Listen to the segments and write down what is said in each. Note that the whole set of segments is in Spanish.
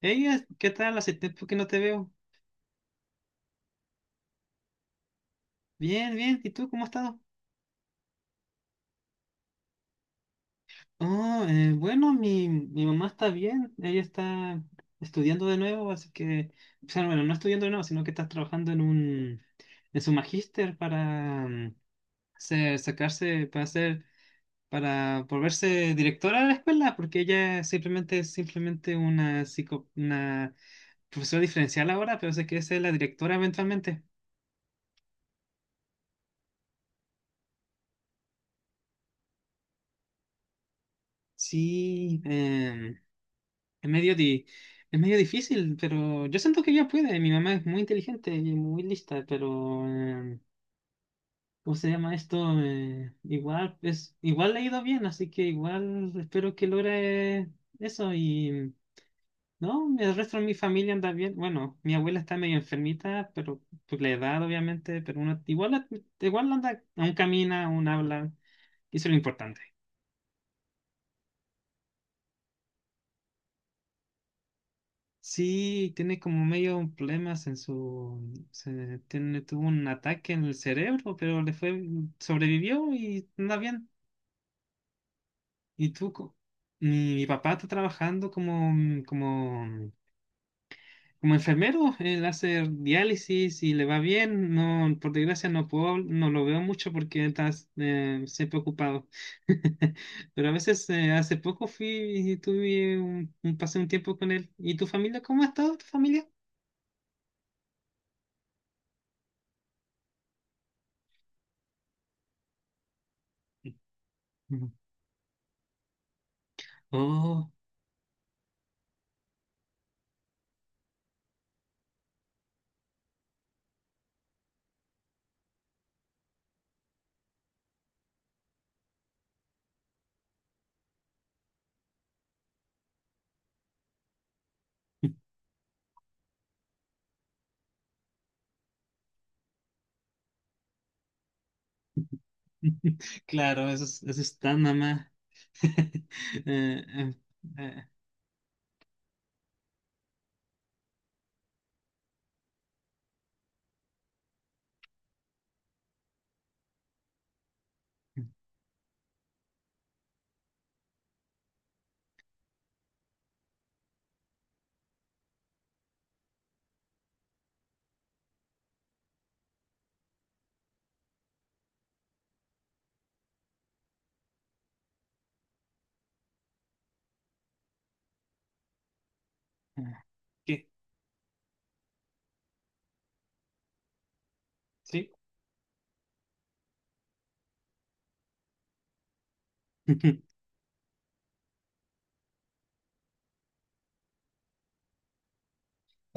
Ella, ¿qué tal? Hace tiempo que no te veo. Bien, bien. ¿Y tú cómo has estado? Mi mamá está bien. Ella está estudiando de nuevo, o sea, no estudiando de nuevo, sino que está trabajando en su magíster para sacarse, para volverse directora de la escuela, porque ella simplemente es simplemente una profesora diferencial ahora, pero sé que es la directora eventualmente. Sí, es es medio difícil, pero yo siento que ella puede. Mi mamá es muy inteligente y muy lista, pero ¿cómo se llama esto? Igual le ha ido bien, así que igual espero que logre eso. Y no, el resto de mi familia anda bien. Bueno, mi abuela está medio enfermita, pero por la edad, obviamente, pero uno igual, igual anda, aún camina, aún habla, y eso es lo importante. Sí, tiene como medio problemas en su... tiene, tuvo un ataque en el cerebro, pero le fue... sobrevivió y anda bien. Y tú... Mi papá está trabajando como enfermero, él hace diálisis y le va bien. No, por desgracia no puedo, no lo veo mucho porque está siempre ocupado. Pero a veces, hace poco fui y pasé un tiempo con él. ¿Y tu familia? ¿Cómo ha estado tu familia? Oh. Claro, eso es, eso está, mamá. Eh, eh, eh, eh, ¿Qué? ¿Sí?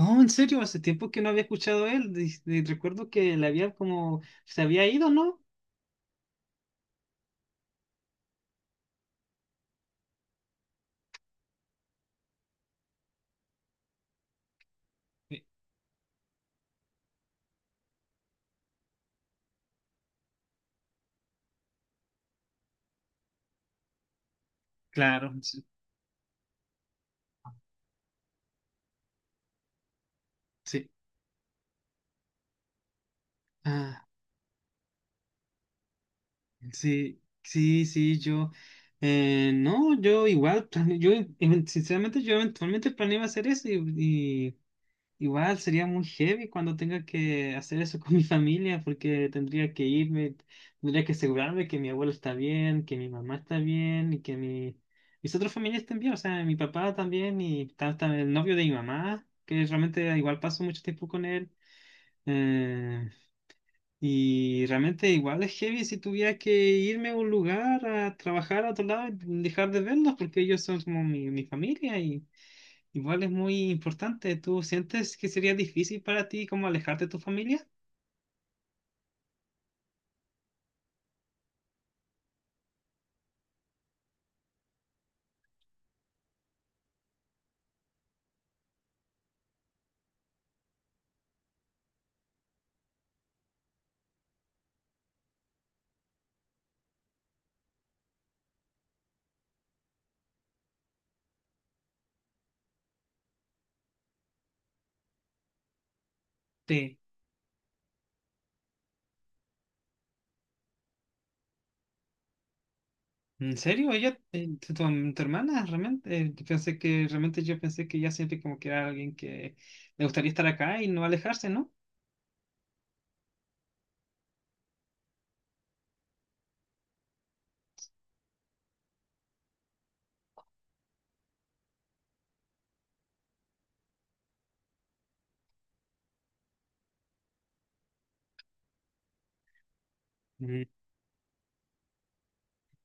Oh, ¿en serio? Hace tiempo que no había escuchado él. Y recuerdo que le había como se había ido, ¿no? Eh, Claro, sí. Sí. Ah, sí, sí, sí, yo no, yo igual, plane- yo sinceramente, yo eventualmente planeaba hacer eso. Y, Igual sería muy heavy cuando tenga que hacer eso con mi familia, porque tendría que irme, tendría que asegurarme que mi abuelo está bien, que mi mamá está bien y que mis otros familiares estén bien, o sea, mi papá también y hasta el novio de mi mamá, que realmente igual paso mucho tiempo con él. Eh, y realmente igual es heavy si tuviera que irme a un lugar a trabajar a otro lado y dejar de verlos, porque ellos son como mi familia. Y... Igual es muy importante. ¿Tú sientes que sería difícil para ti como alejarte de tu familia? Sí. ¿En serio? Ella, tu hermana, realmente, yo pensé que realmente yo pensé que ella siempre como que era alguien que le gustaría estar acá y no alejarse, ¿no?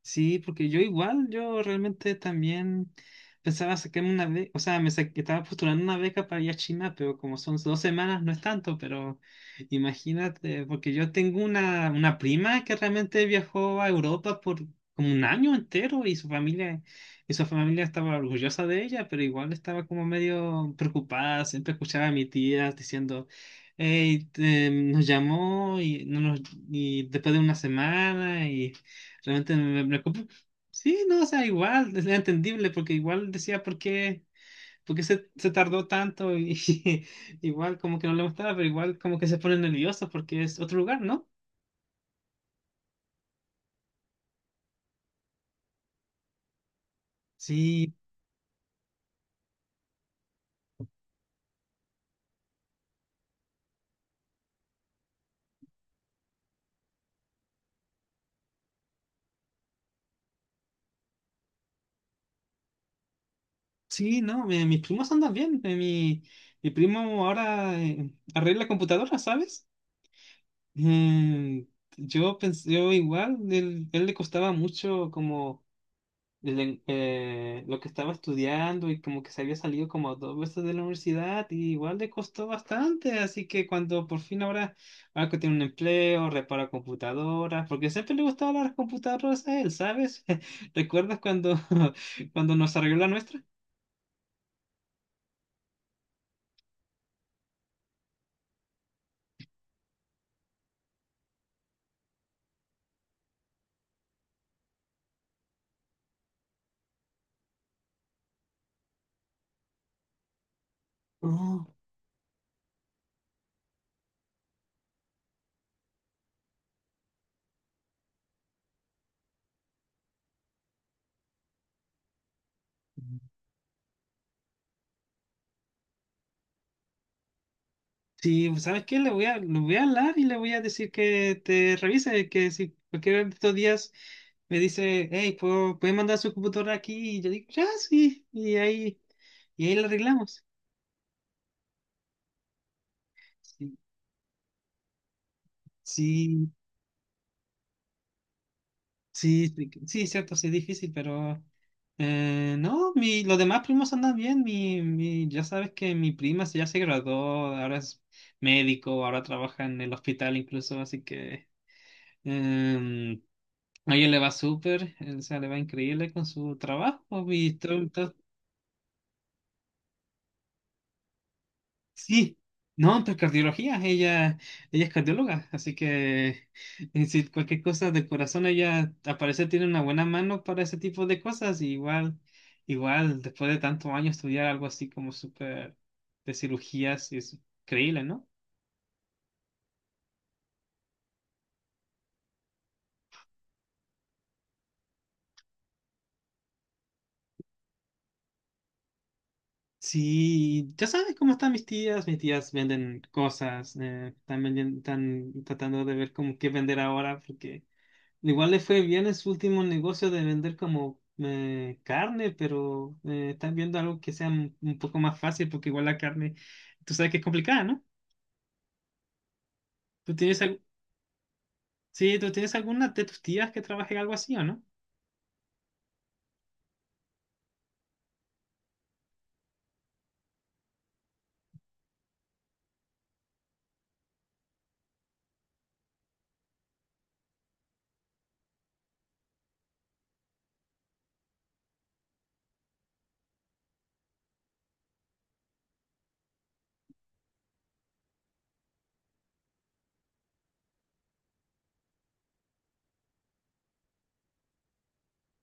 Sí, porque yo igual, yo realmente también pensaba sacarme una beca, o sea, estaba postulando una beca para ir a China, pero como son dos semanas no es tanto, pero imagínate, porque yo tengo una prima que realmente viajó a Europa por como un año entero y su familia estaba orgullosa de ella, pero igual estaba como medio preocupada, siempre escuchaba a mi tía diciendo: "Ey, nos llamó y, no nos, y después de una semana y realmente me preocupa". Sí, no, o sea, igual, es entendible, porque igual decía por qué se tardó tanto y igual como que no le gustaba, pero igual como que se pone nervioso porque es otro lugar, ¿no? Sí, sí, no, mis primos andan bien. Mi, mi primo ahora arregla computadoras, ¿sabes? Mm, yo pensé, yo igual, él le costaba mucho como lo que estaba estudiando y como que se había salido como dos veces de la universidad y igual le costó bastante, así que cuando por fin ahora, ahora que tiene un empleo, repara computadoras, porque siempre le gustaban las computadoras a él, ¿sabes? ¿Recuerdas cuando, cuando nos arregló la nuestra? Oh. Sí, ¿sabes qué? Le voy a hablar y le voy a decir que te revise, que si cualquiera de estos días me dice: "Hey, ¿puede mandar su computadora aquí?" Y yo digo: "Ya, sí", y y ahí lo arreglamos. Sí, sí, sí, sí, sí, cierto, sí es difícil, pero no, mi, los demás primos andan bien, mi, ya sabes que mi prima ya se graduó, ahora es médico, ahora trabaja en el hospital incluso, así que... em, A ella le va súper, o sea, le va increíble con su trabajo y todo, todo. Sí, no, entonces cardiología, ella es cardióloga, así que si cualquier cosa del corazón, ella al parecer tiene una buena mano para ese tipo de cosas, y igual, igual, después de tantos años estudiar algo así como súper de cirugías, es increíble, ¿no? Sí, ya sabes cómo están mis tías. Mis tías venden cosas, están tratando de ver cómo qué vender ahora, porque igual le fue bien en su último negocio de vender como carne, pero están viendo algo que sea un poco más fácil, porque igual la carne, tú sabes que es complicada, ¿no? ¿Tú tienes, al- sí, ¿tú tienes alguna de tus tías que trabaje en algo así o no?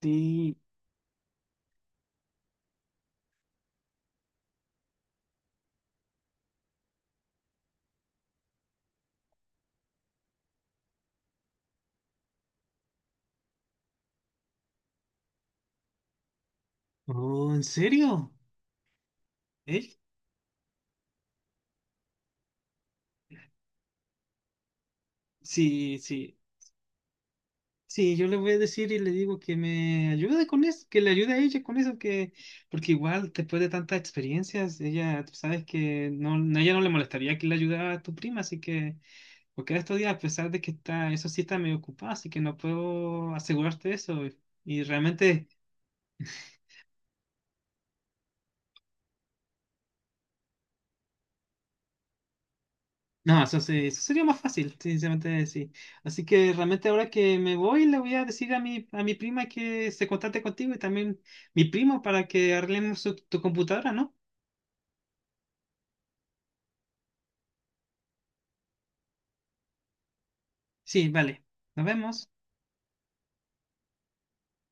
Sí. Oh, ¿en serio? ¿Eh? Sí, sí. Sí, yo le voy a decir y le digo que me ayude con eso, que le ayude a ella con eso, que porque igual después de tantas experiencias, ella, tú sabes que no, a ella no le molestaría que le ayudara a tu prima, así que porque en estos días, a pesar de que está, eso sí está medio ocupado, así que no puedo asegurarte eso. Y realmente, no, eso, eso sería más fácil, sinceramente, sí. Así que realmente ahora que me voy, le voy a decir a a mi prima que se contacte contigo y también mi primo para que arreglemos tu computadora, ¿no? Sí, vale. Nos vemos.